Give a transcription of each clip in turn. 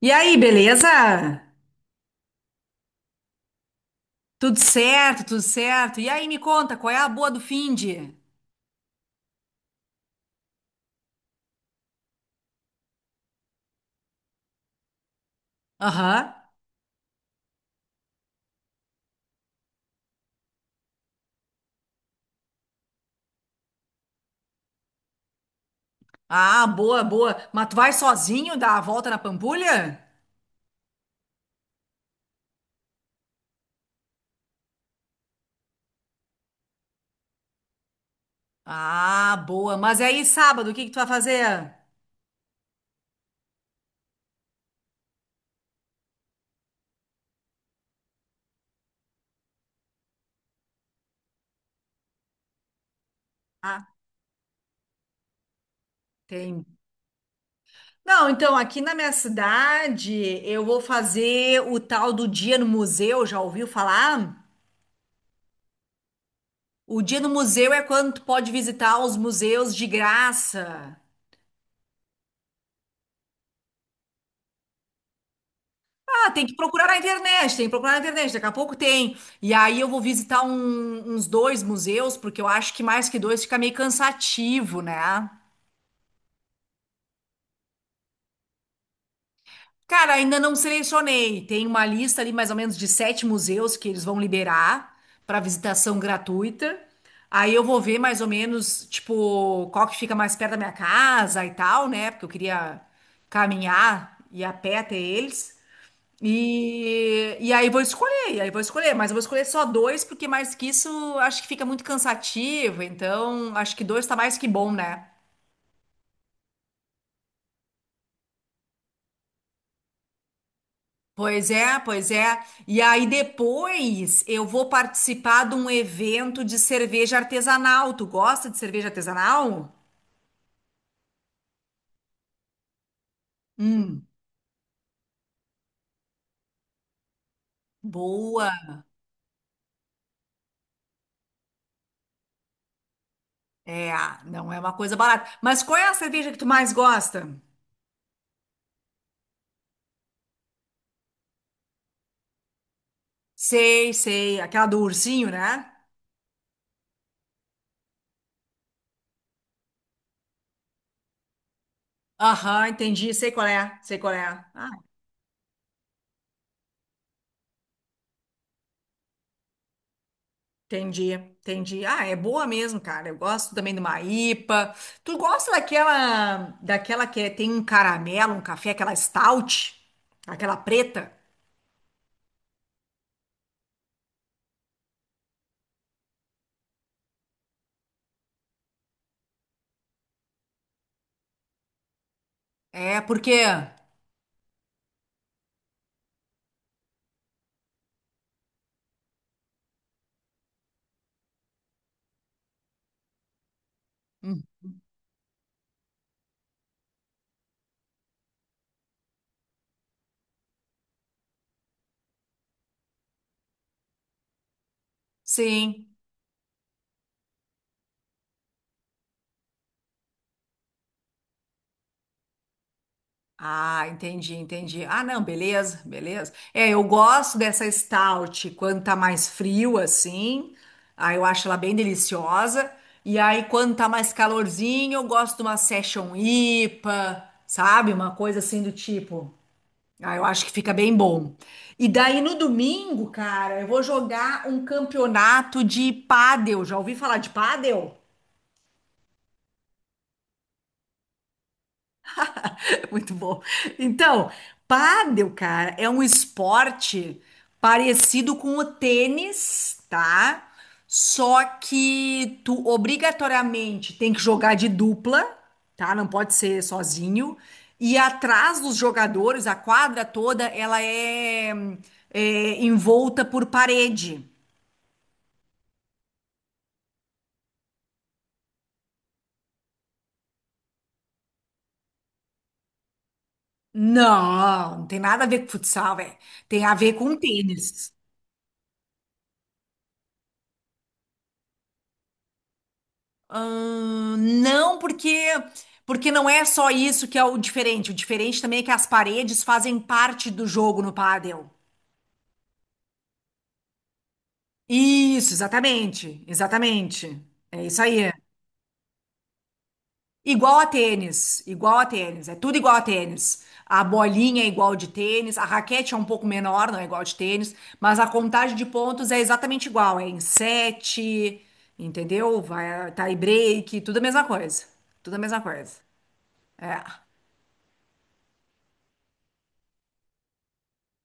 E aí, beleza? Tudo certo, tudo certo. E aí, me conta, qual é a boa do finde? Aham. Ah, boa, boa. Mas tu vai sozinho dar a volta na Pampulha? Ah, boa. Mas aí, sábado, o que que tu vai fazer? Ah, tem. Não, então, aqui na minha cidade, eu vou fazer o tal do Dia no Museu, já ouviu falar? O Dia no Museu é quando tu pode visitar os museus de graça. Ah, tem que procurar na internet, tem que procurar na internet, daqui a pouco tem. E aí eu vou visitar uns dois museus, porque eu acho que mais que dois fica meio cansativo, né? Cara, ainda não selecionei. Tem uma lista ali mais ou menos de sete museus que eles vão liberar para visitação gratuita. Aí eu vou ver mais ou menos, tipo, qual que fica mais perto da minha casa e tal, né? Porque eu queria caminhar e ir a pé até eles. E aí vou escolher, e aí vou escolher, mas eu vou escolher só dois, porque mais que isso acho que fica muito cansativo, então acho que dois tá mais que bom, né? Pois é, pois é. E aí depois eu vou participar de um evento de cerveja artesanal. Tu gosta de cerveja artesanal? Hum, boa. É, não é uma coisa barata. Mas qual é a cerveja que tu mais gosta? Sei, sei, aquela do ursinho, né? Aham, entendi, sei qual é, sei qual é. Ah, entendi, entendi. Ah, é boa mesmo, cara. Eu gosto também de uma IPA. Tu gosta daquela, daquela que tem um caramelo, um café, aquela stout, aquela preta? É, por quê? Hum. Sim. Ah, entendi, entendi. Ah, não, beleza, beleza. É, eu gosto dessa stout quando tá mais frio assim. Aí eu acho ela bem deliciosa. E aí quando tá mais calorzinho, eu gosto de uma session IPA, sabe? Uma coisa assim do tipo. Ah, eu acho que fica bem bom. E daí no domingo, cara, eu vou jogar um campeonato de pádel. Já ouvi falar de pádel? Muito bom. Então, pádel, cara, é um esporte parecido com o tênis, tá? Só que tu obrigatoriamente tem que jogar de dupla, tá? Não pode ser sozinho. E atrás dos jogadores, a quadra toda, é envolta por parede. Não, não tem nada a ver com futsal, velho. Tem a ver com tênis. Não, porque não é só isso que é o diferente. O diferente também é que as paredes fazem parte do jogo no pádel. Isso, exatamente. Exatamente. É isso aí. Igual a tênis, é tudo igual a tênis. A bolinha é igual de tênis, a raquete é um pouco menor, não é igual de tênis, mas a contagem de pontos é exatamente igual, é em sete, entendeu? Vai tie break, tudo a mesma coisa. Tudo a mesma coisa. É.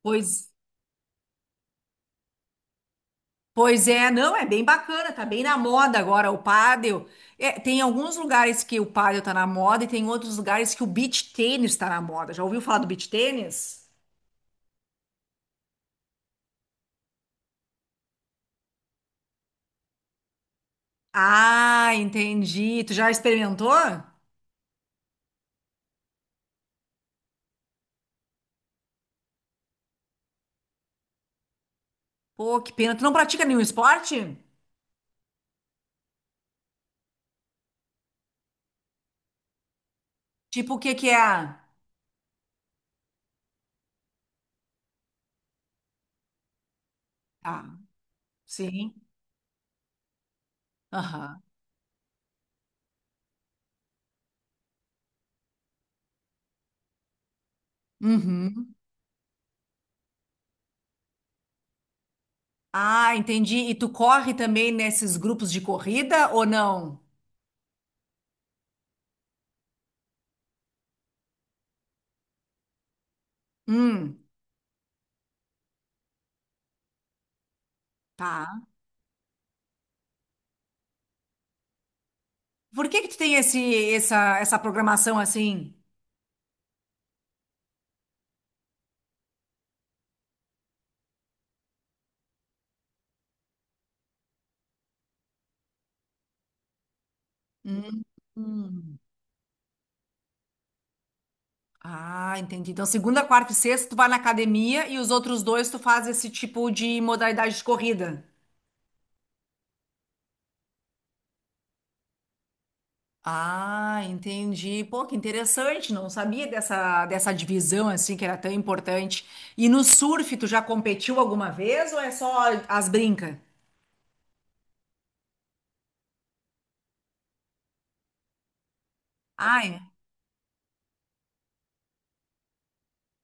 Pois, pois é, não, é bem bacana, tá bem na moda agora o pádel. É, tem alguns lugares que o pádel tá na moda e tem outros lugares que o beach tênis tá na moda. Já ouviu falar do beach tênis? Ah, entendi. Tu já experimentou? Pô, que pena. Tu não pratica nenhum esporte? Tipo, o que que é? Ah, sim. Aham. Uhum. Ah, entendi. E tu corre também nesses grupos de corrida ou não? Hum, tá. Por que que tu tem essa programação assim? Hum. Hum. Ah, entendi. Então, segunda, quarta e sexta, tu vai na academia e os outros dois tu faz esse tipo de modalidade de corrida. Ah, entendi. Pô, que interessante. Não sabia dessa divisão assim que era tão importante. E no surf, tu já competiu alguma vez ou é só as brincas? Ah, é?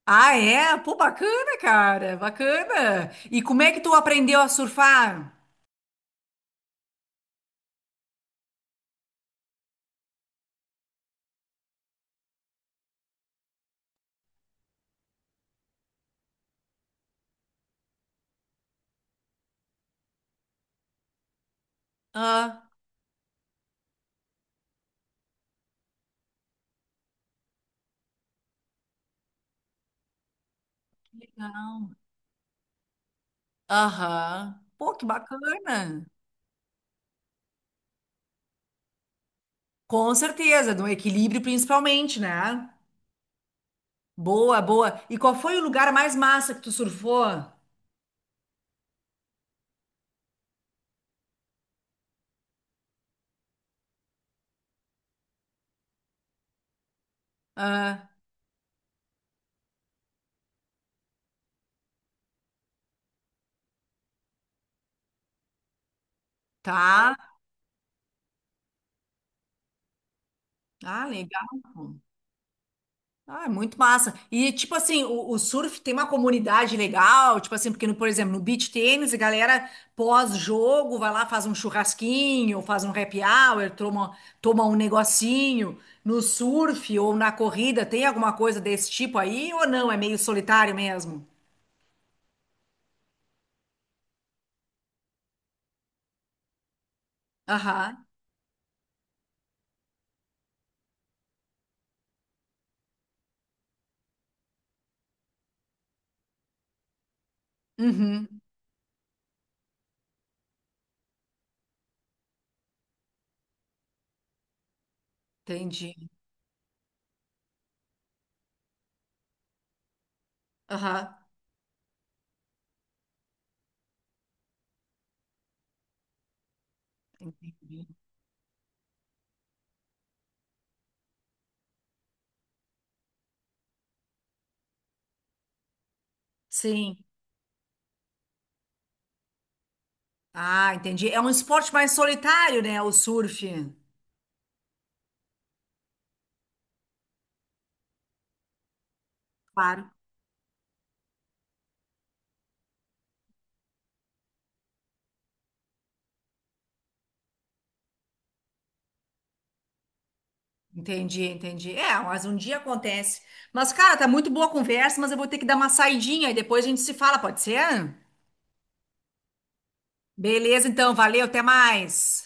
Ah, é? Pô, bacana, cara. Bacana. E como é que tu aprendeu a surfar? Ah, que legal. Aham. Pô, que bacana. Com certeza, do equilíbrio principalmente, né? Boa, boa. E qual foi o lugar mais massa que tu surfou? Ah, tá. Ah, legal. Ah, é muito massa. E, tipo assim, o surf tem uma comunidade legal, tipo assim, porque, no, por exemplo, no beach tênis, a galera pós-jogo vai lá, faz um churrasquinho, faz um happy hour, toma, toma um negocinho. No surf ou na corrida, tem alguma coisa desse tipo aí ou não? É meio solitário mesmo? Aham. Uhum. Entendi. Aham. Sim. Ah, entendi. É um esporte mais solitário, né? O surf. Claro. Entendi, entendi. É, mas um dia acontece. Mas, cara, tá muito boa a conversa, mas eu vou ter que dar uma saidinha e depois a gente se fala, pode ser? Beleza, então, valeu, até mais.